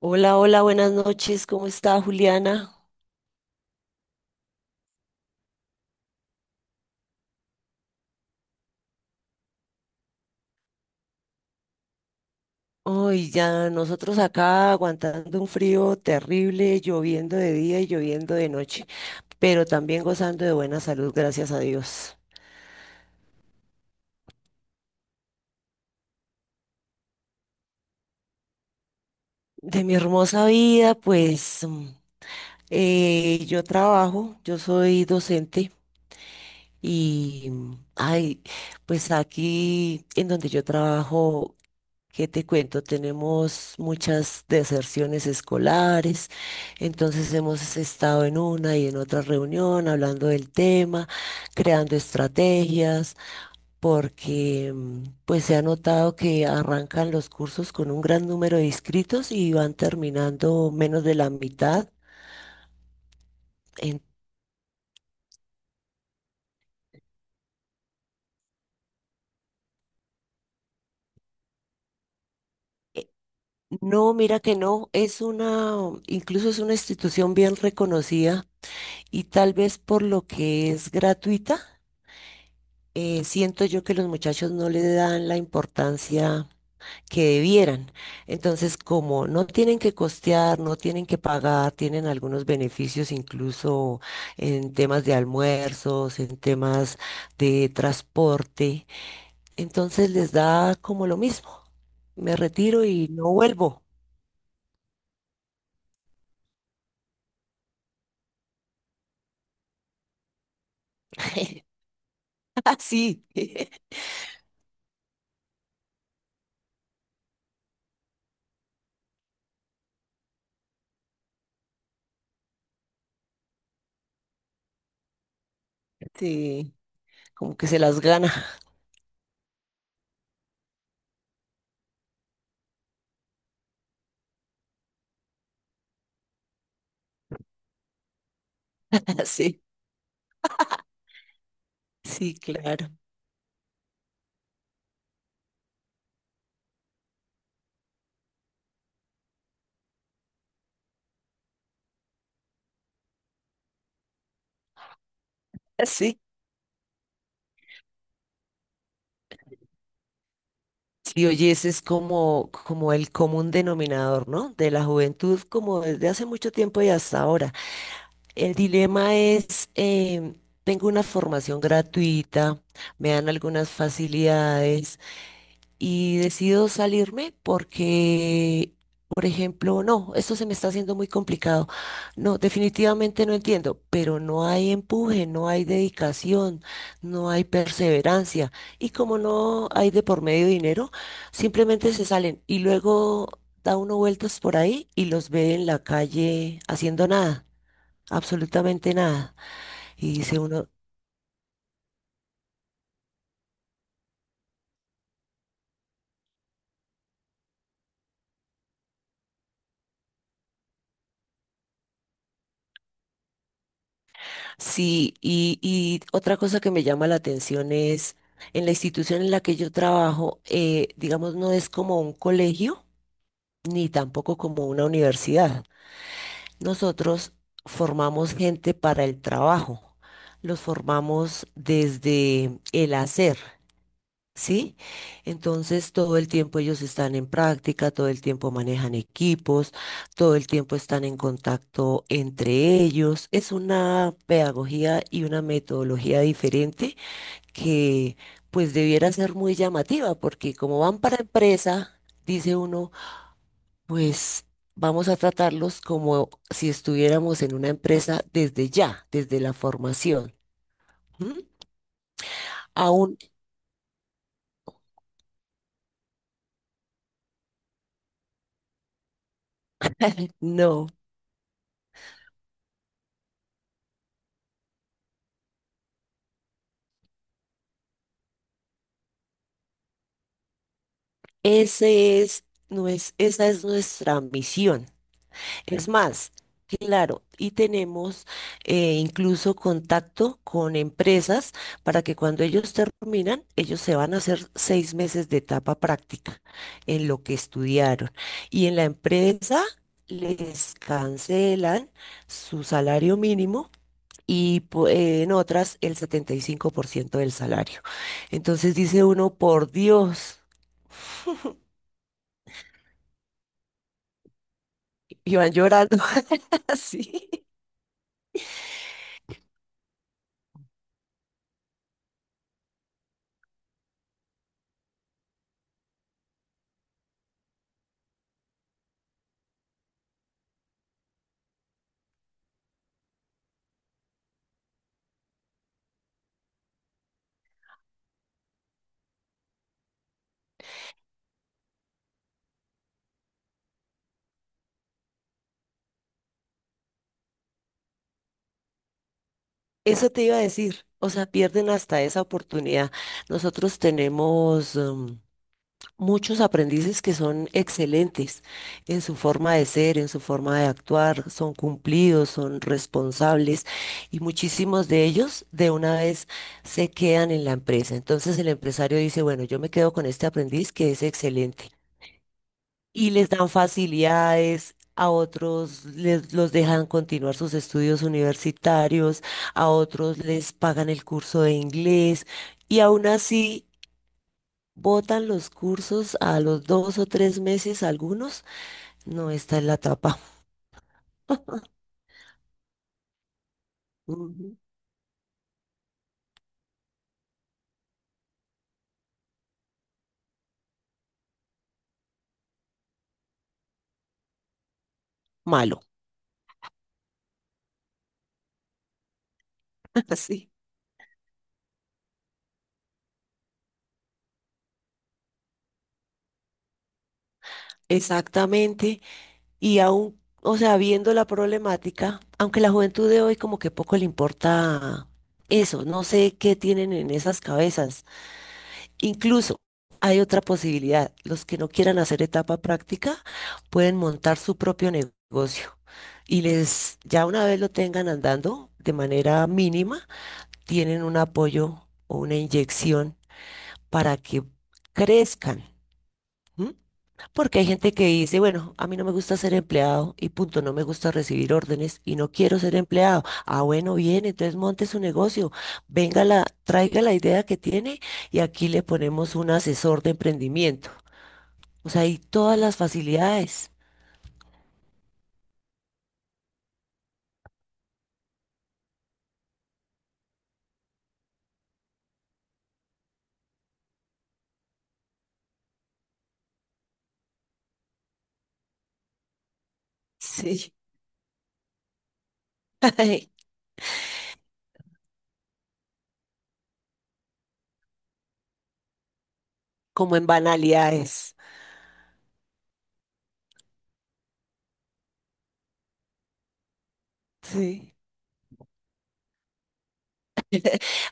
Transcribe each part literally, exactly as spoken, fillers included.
Hola, hola, buenas noches. ¿Cómo está Juliana? Hoy ya nosotros acá aguantando un frío terrible, lloviendo de día y lloviendo de noche, pero también gozando de buena salud, gracias a Dios. De mi hermosa vida, pues mm, eh, yo trabajo, yo soy docente y, mm, ay, pues aquí en donde yo trabajo. ¿Qué te cuento? Tenemos muchas deserciones escolares, entonces hemos estado en una y en otra reunión hablando del tema, creando estrategias, porque mm, pues se ha notado que arrancan los cursos con un gran número de inscritos y van terminando menos de la mitad. En- no, mira que no, es una, um, incluso es una institución bien reconocida y tal vez por lo que es gratuita, eh, siento yo que los muchachos no le dan la importancia que debieran. Entonces, como no tienen que costear, no tienen que pagar, tienen algunos beneficios incluso en temas de almuerzos, en temas de transporte, entonces les da como lo mismo. Me retiro y no vuelvo. Así. Sí, como que se las gana. Sí, sí, claro. Sí. Si oyes, es como, como el común denominador, ¿no? De la juventud, como desde hace mucho tiempo y hasta ahora. El dilema es, em, tengo una formación gratuita, me dan algunas facilidades, y decido salirme porque, por ejemplo, no, esto se me está haciendo muy complicado. No, definitivamente no entiendo, pero no hay empuje, no hay dedicación, no hay perseverancia. Y como no hay de por medio dinero, simplemente se salen y luego da uno vueltas por ahí y los ve en la calle haciendo nada, absolutamente nada. Y dice uno, sí, y, y otra cosa que me llama la atención es, en la institución en la que yo trabajo, eh, digamos, no es como un colegio ni tampoco como una universidad. Nosotros formamos gente para el trabajo, los formamos desde el hacer. ¿Sí? Entonces, todo el tiempo ellos están en práctica, todo el tiempo manejan equipos, todo el tiempo están en contacto entre ellos. Es una pedagogía y una metodología diferente que pues debiera ser muy llamativa, porque como van para empresa, dice uno, pues... Vamos a tratarlos como si estuviéramos en una empresa desde ya, desde la formación. ¿Mm? Aún no. Ese es, no es, esa es nuestra misión. Es más, claro, y tenemos, eh, incluso contacto con empresas para que cuando ellos terminan, ellos se van a hacer seis meses de etapa práctica en lo que estudiaron. Y en la empresa les cancelan su salario mínimo. Y pu- eh, en otras el setenta y cinco por ciento del salario. Entonces dice uno, por Dios. Iban llorando así. Eso te iba a decir. O sea, pierden hasta esa oportunidad. Nosotros tenemos, um, muchos aprendices que son excelentes en su forma de ser, en su forma de actuar, son cumplidos, son responsables y muchísimos de ellos de una vez se quedan en la empresa. Entonces el empresario dice, bueno, yo me quedo con este aprendiz que es excelente. Y les dan facilidades. A otros les, los dejan continuar sus estudios universitarios, a otros les pagan el curso de inglés y aún así botan los cursos a los dos o tres meses algunos. No está en la etapa. Ujú. Malo. Sí, exactamente. Y aún, o sea, viendo la problemática, aunque la juventud de hoy como que poco le importa eso, no sé qué tienen en esas cabezas. Incluso hay otra posibilidad. Los que no quieran hacer etapa práctica pueden montar su propio negocio y les, ya una vez lo tengan andando de manera mínima, tienen un apoyo o una inyección para que crezcan. ¿M? Porque hay gente que dice, bueno, a mí no me gusta ser empleado y punto, no me gusta recibir órdenes y no quiero ser empleado. Ah, bueno, bien, entonces monte su negocio, venga la, traiga la idea que tiene y aquí le ponemos un asesor de emprendimiento. O sea, hay todas las facilidades, sí, como en banalidades. Sí.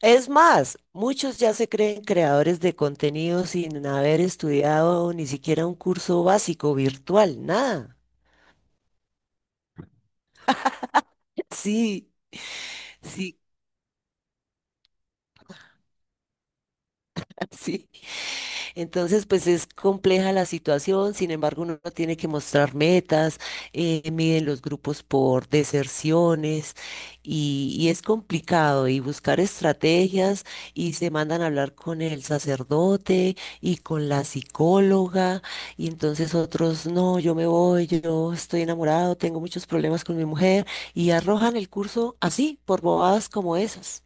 Es más, muchos ya se creen creadores de contenido sin haber estudiado ni siquiera un curso básico virtual, nada. Sí, sí, sí. Entonces, pues es compleja la situación, sin embargo, uno tiene que mostrar metas, eh, miden los grupos por deserciones y, y es complicado y buscar estrategias y se mandan a hablar con el sacerdote y con la psicóloga y entonces otros, no, yo me voy, yo estoy enamorado, tengo muchos problemas con mi mujer y arrojan el curso así, por bobadas como esas.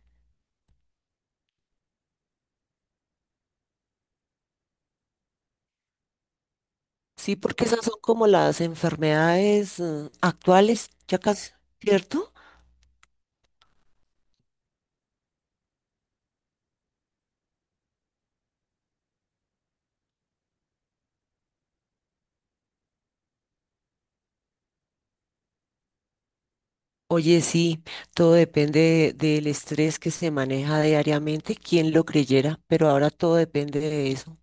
Sí, porque esas son como las enfermedades, eh, actuales, ya casi, ¿cierto? Oye, sí, todo depende del estrés que se maneja diariamente, quién lo creyera, pero ahora todo depende de eso.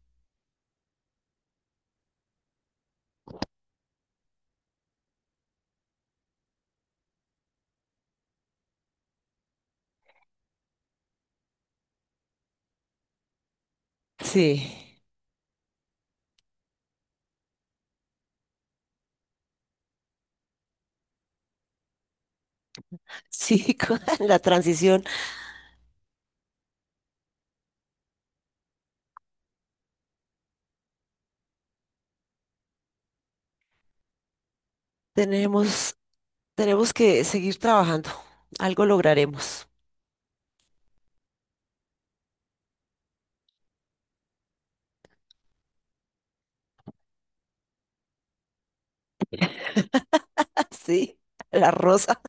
Sí, sí, con la transición. tenemos, Tenemos que seguir trabajando, algo lograremos. Sí, la rosa.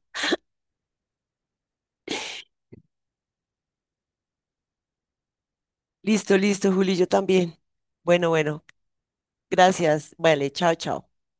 Listo, listo, Juli, yo también. Bueno, bueno, gracias. Vale, chao, chao.